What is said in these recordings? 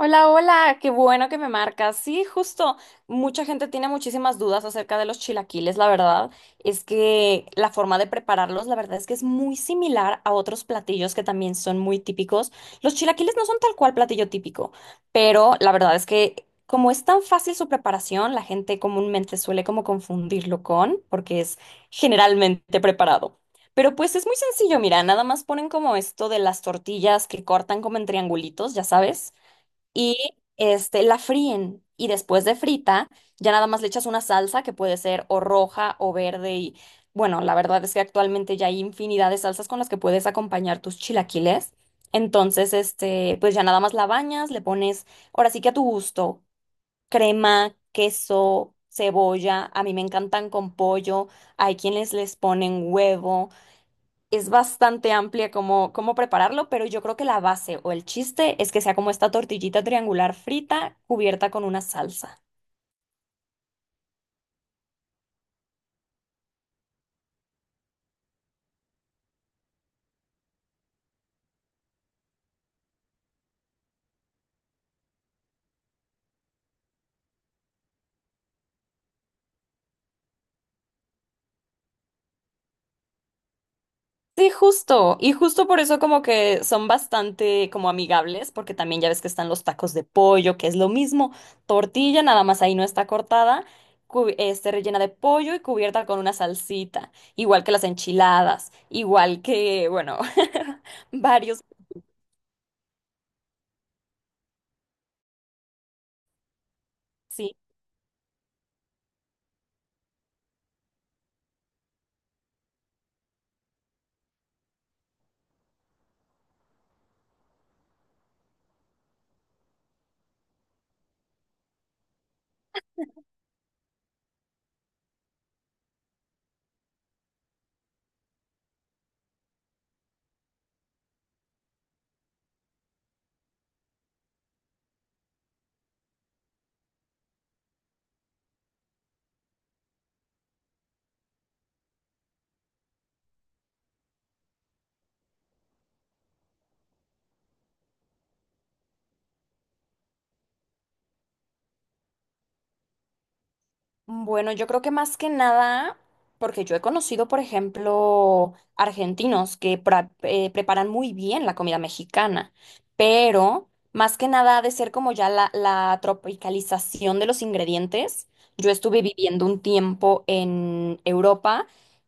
Hola, hola, qué bueno que me marcas. Sí, justo, mucha gente tiene muchísimas dudas acerca de los chilaquiles. La verdad es que la forma de prepararlos, la verdad es que es muy similar a otros platillos que también son muy típicos. Los chilaquiles no son tal cual platillo típico, pero la verdad es que como es tan fácil su preparación, la gente comúnmente suele como confundirlo con, porque es generalmente preparado. Pero pues es muy sencillo, mira, nada más ponen como esto de las tortillas que cortan como en triangulitos, ya sabes y la fríen. Y después de frita, ya nada más le echas una salsa que puede ser o roja o verde. Y bueno, la verdad es que actualmente ya hay infinidad de salsas con las que puedes acompañar tus chilaquiles. Entonces, pues ya nada más la bañas, le pones, ahora sí que a tu gusto, crema, queso, cebolla. A mí me encantan con pollo. Hay quienes les ponen huevo, es bastante amplia cómo, cómo prepararlo, pero yo creo que la base o el chiste es que sea como esta tortillita triangular frita cubierta con una salsa. Sí, justo. Y justo por eso como que son bastante como amigables, porque también ya ves que están los tacos de pollo, que es lo mismo, tortilla, nada más ahí no está cortada, rellena de pollo y cubierta con una salsita, igual que las enchiladas, igual que, bueno, varios. Sí, bueno, yo creo que más que nada, porque yo he conocido, por ejemplo, argentinos que preparan muy bien la comida mexicana, pero más que nada ha de ser como ya la tropicalización de los ingredientes. Yo estuve viviendo un tiempo en Europa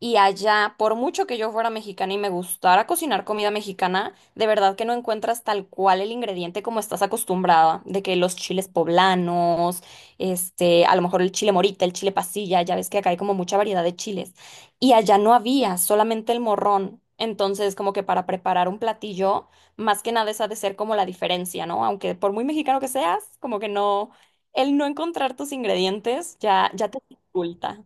y allá, por mucho que yo fuera mexicana y me gustara cocinar comida mexicana, de verdad que no encuentras tal cual el ingrediente como estás acostumbrada, de que los chiles poblanos, a lo mejor el chile morita, el chile pasilla, ya ves que acá hay como mucha variedad de chiles. Y allá no había, solamente el morrón. Entonces, como que para preparar un platillo, más que nada esa ha de ser como la diferencia, ¿no? Aunque por muy mexicano que seas, como que no, el no encontrar tus ingredientes ya, ya te dificulta.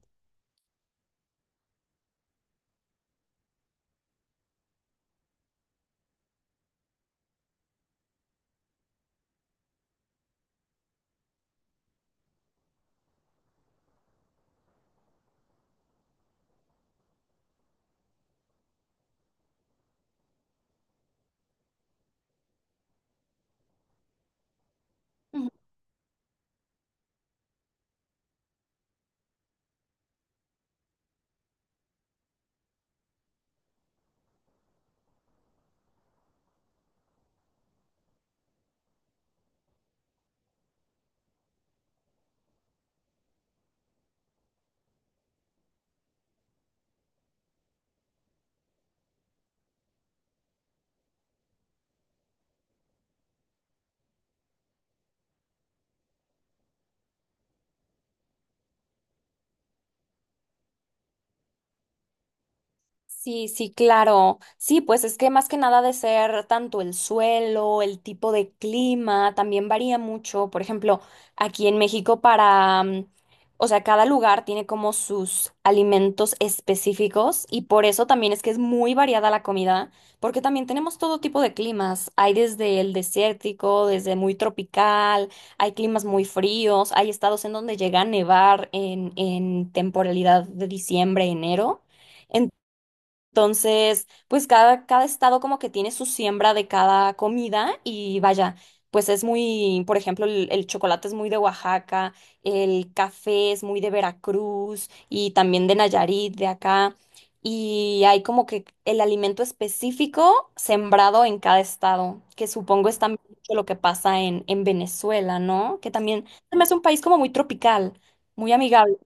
Sí, sí, claro. Sí, pues es que más que nada de ser tanto el suelo, el tipo de clima, también varía mucho. Por ejemplo, aquí en México para, o sea, cada lugar tiene como sus alimentos específicos y por eso también es que es muy variada la comida, porque también tenemos todo tipo de climas. Hay desde el desértico, desde muy tropical, hay climas muy fríos, hay estados en donde llega a nevar en temporalidad de diciembre, enero. Entonces, pues cada, cada estado como que tiene su siembra de cada comida y vaya, pues es muy, por ejemplo, el chocolate es muy de Oaxaca, el café es muy de Veracruz y también de Nayarit, de acá. Y hay como que el alimento específico sembrado en cada estado, que supongo es también mucho lo que pasa en Venezuela, ¿no? Que también se me hace un país como muy tropical, muy amigable.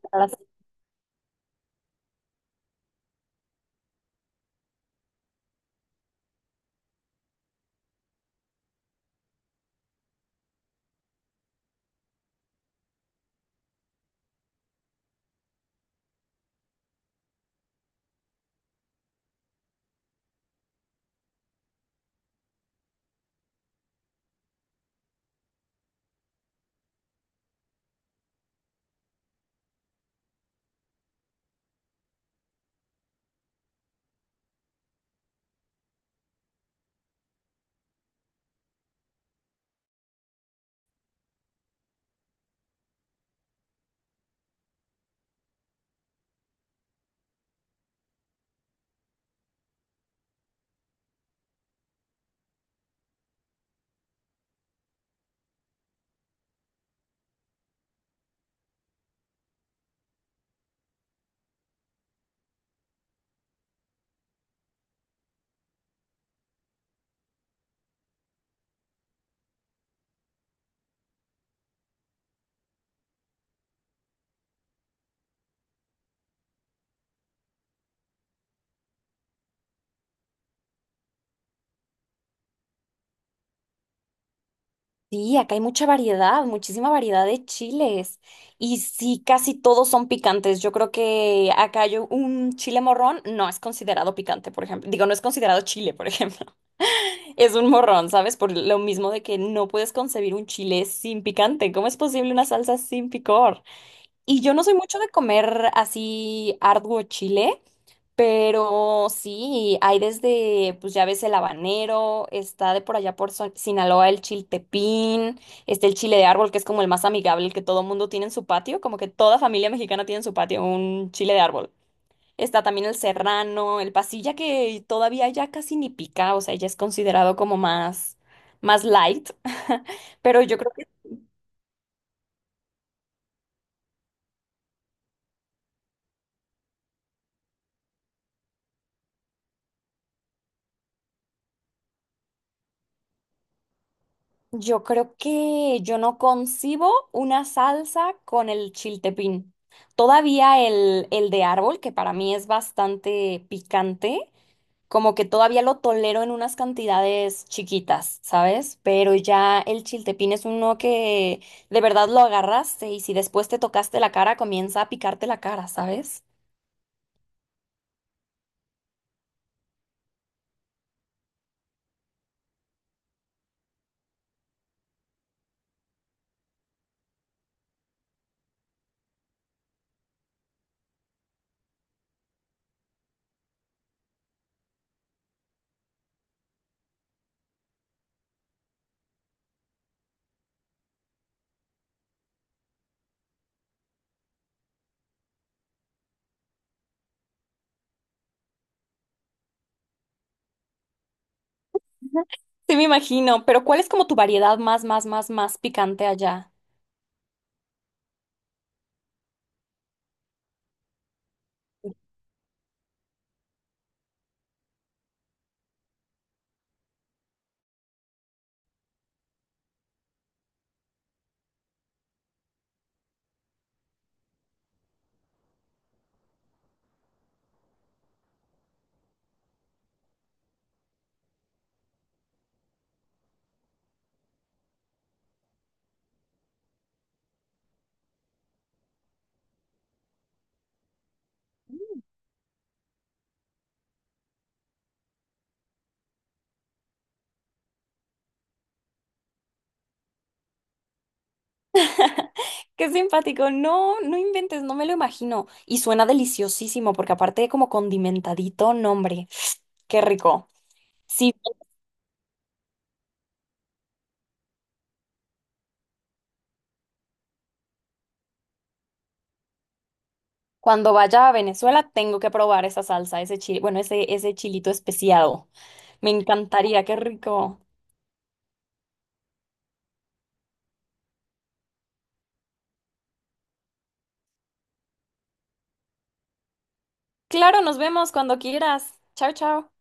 Sí, acá hay mucha variedad, muchísima variedad de chiles. Y sí, casi todos son picantes. Yo creo que acá yo, un chile morrón no es considerado picante, por ejemplo. Digo, no es considerado chile, por ejemplo. Es un morrón, ¿sabes? Por lo mismo de que no puedes concebir un chile sin picante. ¿Cómo es posible una salsa sin picor? Y yo no soy mucho de comer así arduo chile. Pero sí, hay desde, pues ya ves el habanero, está de por allá por Son- Sinaloa el chiltepín, está el chile de árbol, que es como el más amigable, el que todo mundo tiene en su patio, como que toda familia mexicana tiene en su patio un chile de árbol. Está también el serrano, el pasilla, que todavía ya casi ni pica, o sea, ya es considerado como más, más light, pero yo creo. Yo creo que yo no concibo una salsa con el chiltepín. Todavía el de árbol, que para mí es bastante picante, como que todavía lo tolero en unas cantidades chiquitas, ¿sabes? Pero ya el chiltepín es uno que de verdad lo agarraste y si después te tocaste la cara, comienza a picarte la cara, ¿sabes? Sí, me imagino, pero ¿cuál es como tu variedad más, más, más, más picante allá? Qué simpático. No, no inventes, no me lo imagino. Y suena deliciosísimo, porque aparte de como condimentadito, nombre. Qué rico. Sí, cuando vaya a Venezuela tengo que probar esa salsa, ese chile, bueno, ese chilito especiado. Me encantaría, qué rico. Claro, nos vemos cuando quieras. Chao, chao.